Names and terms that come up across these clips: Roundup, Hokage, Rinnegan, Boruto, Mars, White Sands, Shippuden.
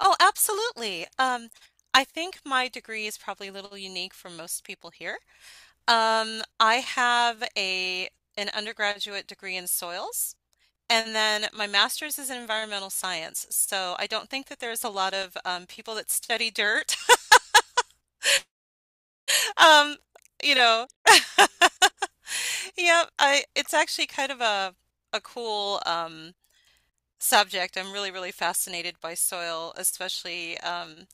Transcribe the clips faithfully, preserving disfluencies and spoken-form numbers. Oh, absolutely. Um, I think my degree is probably a little unique for most people here. Um, I have a an undergraduate degree in soils, and then my master's is in environmental science. So I don't think that there's a lot of um, people that study dirt. Um, you know, yeah, I it's actually kind of a a cool um, subject. I'm really, really fascinated by soil, especially. um.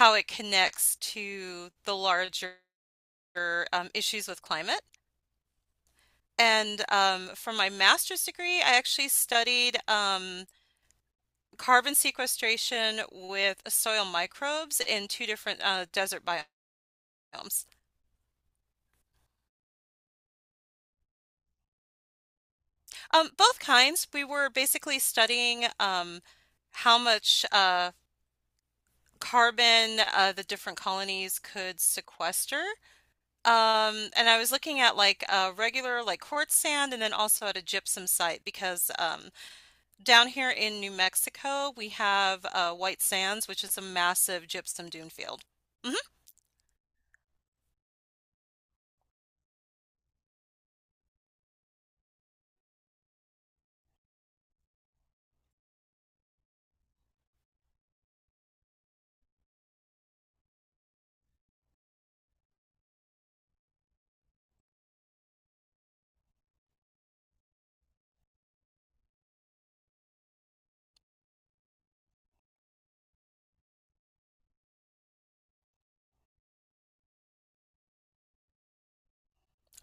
how it connects to the larger um, issues with climate. And um, for my master's degree, I actually studied um, carbon sequestration with soil microbes in two different uh, desert biomes. Um, both kinds, we were basically studying um, how much uh, carbon uh, the different colonies could sequester. Um, and I was looking at like a regular like quartz sand and then also at a gypsum site because um, down here in New Mexico, we have uh, White Sands, which is a massive gypsum dune field. Hmm.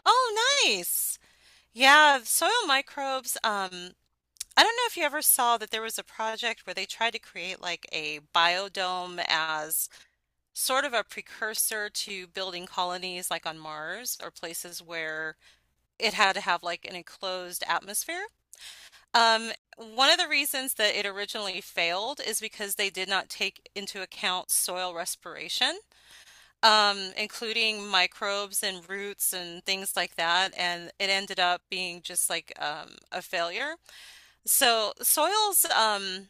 Oh, nice. Yeah, soil microbes. Um, I don't know if you ever saw that there was a project where they tried to create like a biodome as sort of a precursor to building colonies like on Mars or places where it had to have like an enclosed atmosphere. Um, one of the reasons that it originally failed is because they did not take into account soil respiration, um, including microbes and roots and things like that, and it ended up being just like um, a failure. So soils um,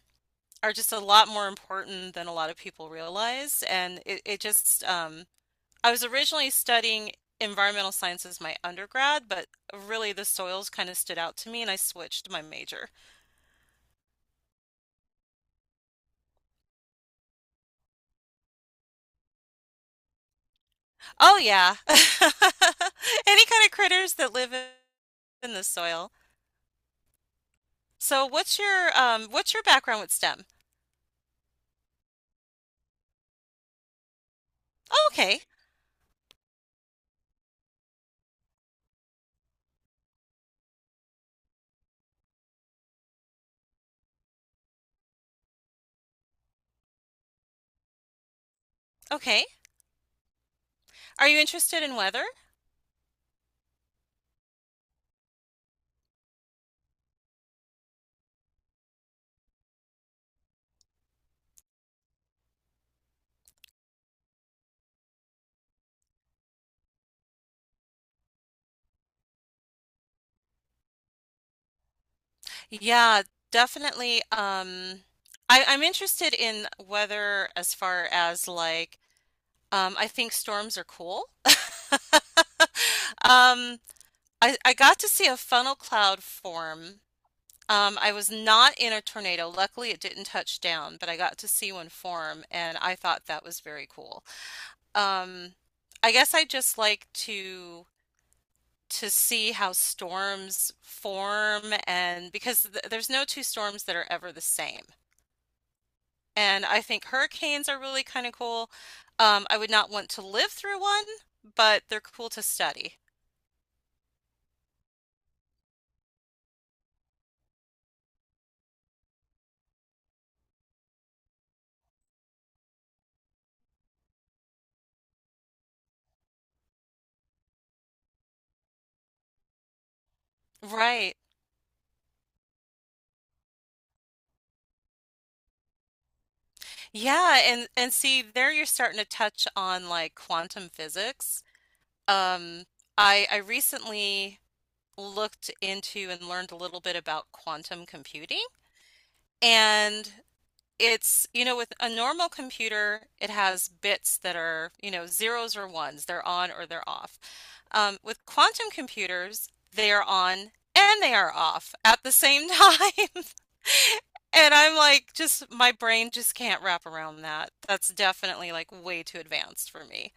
are just a lot more important than a lot of people realize, and it, it just um, I was originally studying environmental science as my undergrad, but really the soils kind of stood out to me, and I switched my major. Oh yeah. Any kind of critters that live in the soil. So what's your um what's your background with S T E M? Oh, okay. Okay. Are you interested in weather? Yeah, definitely. Um I, I'm interested in weather as far as like um I think storms are cool. Um I, I got to see a funnel cloud form. Um, I was not in a tornado. Luckily, it didn't touch down, but I got to see one form, and I thought that was very cool. Um, I guess I just like to to see how storms form, and because th there's no two storms that are ever the same. And I think hurricanes are really kind of cool. Um, I would not want to live through one, but they're cool to study. Right. Yeah, and and see there you're starting to touch on like quantum physics. Um, I I recently looked into and learned a little bit about quantum computing. And it's, you know, with a normal computer, it has bits that are, you know, zeros or ones. They're on or they're off. Um, with quantum computers, they are on and they are off at the same time. And I'm like, just my brain just can't wrap around that. That's definitely like way too advanced for me.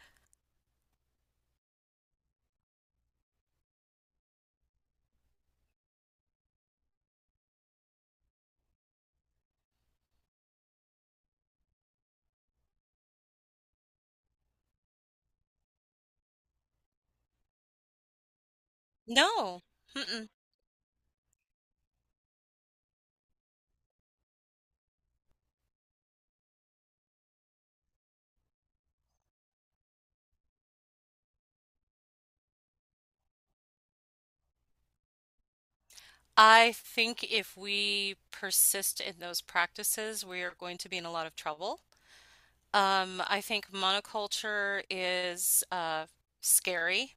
No. Mm-mm. I think if we persist in those practices, we are going to be in a lot of trouble. Um, I think monoculture is uh, scary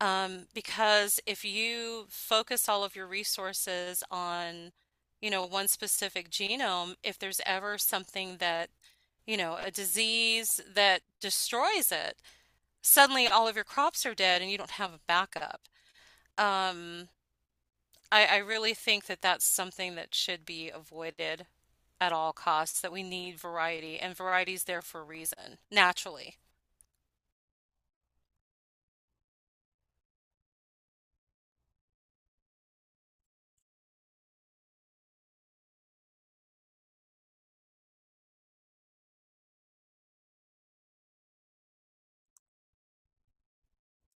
um, because if you focus all of your resources on, you know, one specific genome, if there's ever something that, you know, a disease that destroys it, suddenly all of your crops are dead and you don't have a backup. Um, I, I really think that that's something that should be avoided at all costs, that we need variety, and variety's there for a reason, naturally.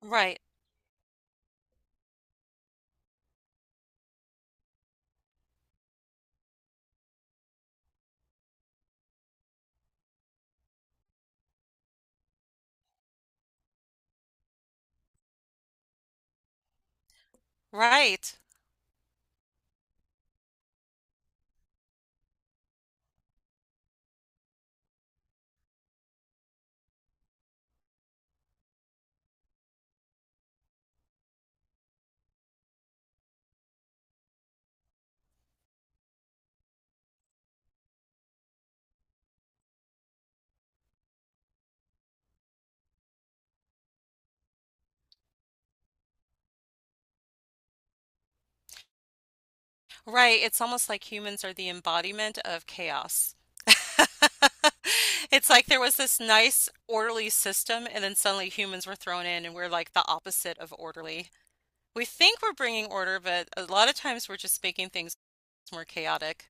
Right, right, right. It's almost like humans are the embodiment of chaos. It's like there was this nice, orderly system, and then suddenly humans were thrown in, and we're like the opposite of orderly. We think we're bringing order, but a lot of times we're just making things more chaotic.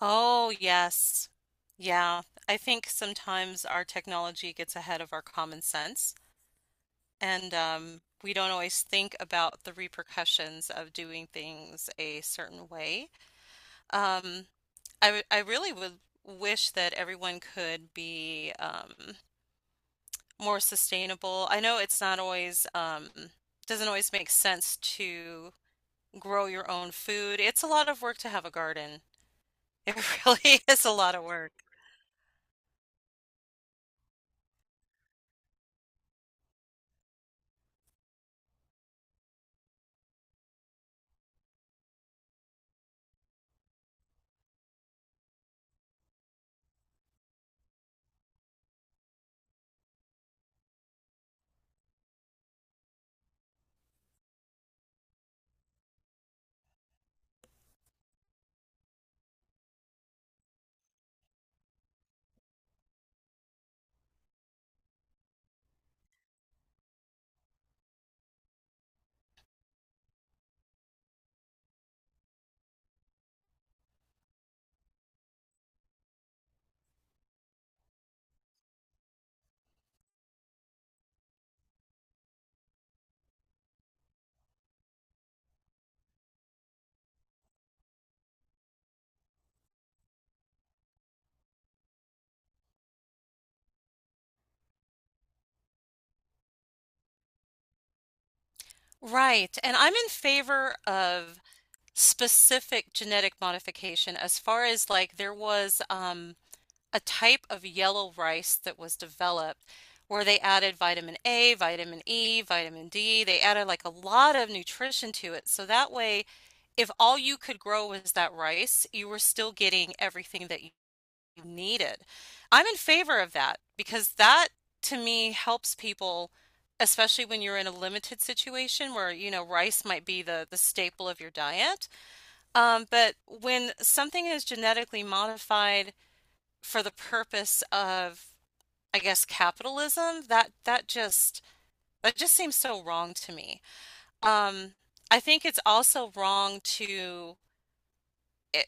Oh, yes. Yeah. I think sometimes our technology gets ahead of our common sense, and um, we don't always think about the repercussions of doing things a certain way. Um, I, w- I really would wish that everyone could be um, more sustainable. I know it's not always, um, doesn't always make sense to grow your own food. It's a lot of work to have a garden. It really is a lot of work. Right. And I'm in favor of specific genetic modification as far as like there was um, a type of yellow rice that was developed where they added vitamin A, vitamin E, vitamin D. They added like a lot of nutrition to it. So that way, if all you could grow was that rice, you were still getting everything that you needed. I'm in favor of that because that to me helps people, especially when you're in a limited situation where, you know, rice might be the, the staple of your diet. Um, but when something is genetically modified for the purpose of, I guess, capitalism, that that just that just seems so wrong to me. Um, I think it's also wrong to it,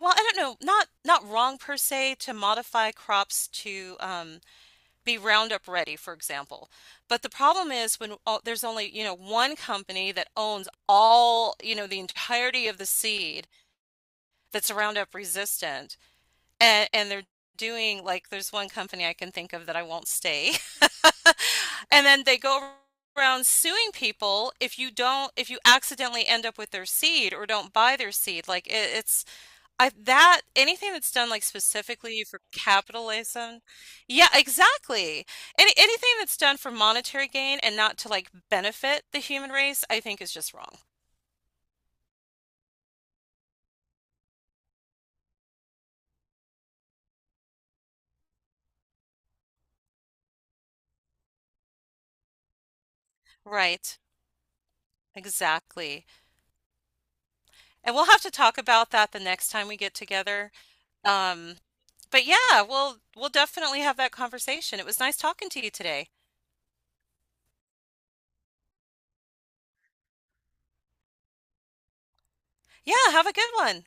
well, I don't know, not not wrong per se to modify crops to um, be Roundup ready, for example. But the problem is when there's only, you know, one company that owns all, you know, the entirety of the seed that's Roundup resistant, and, and they're doing like there's one company I can think of that I won't stay. And then they go around suing people if you don't, if you accidentally end up with their seed or don't buy their seed. Like it, it's I that anything that's done like specifically for capitalism, yeah, exactly. Any anything that's done for monetary gain and not to like benefit the human race, I think is just wrong. Right. Exactly. And we'll have to talk about that the next time we get together. Um, but yeah, we'll we'll definitely have that conversation. It was nice talking to you today. Yeah, have a good one.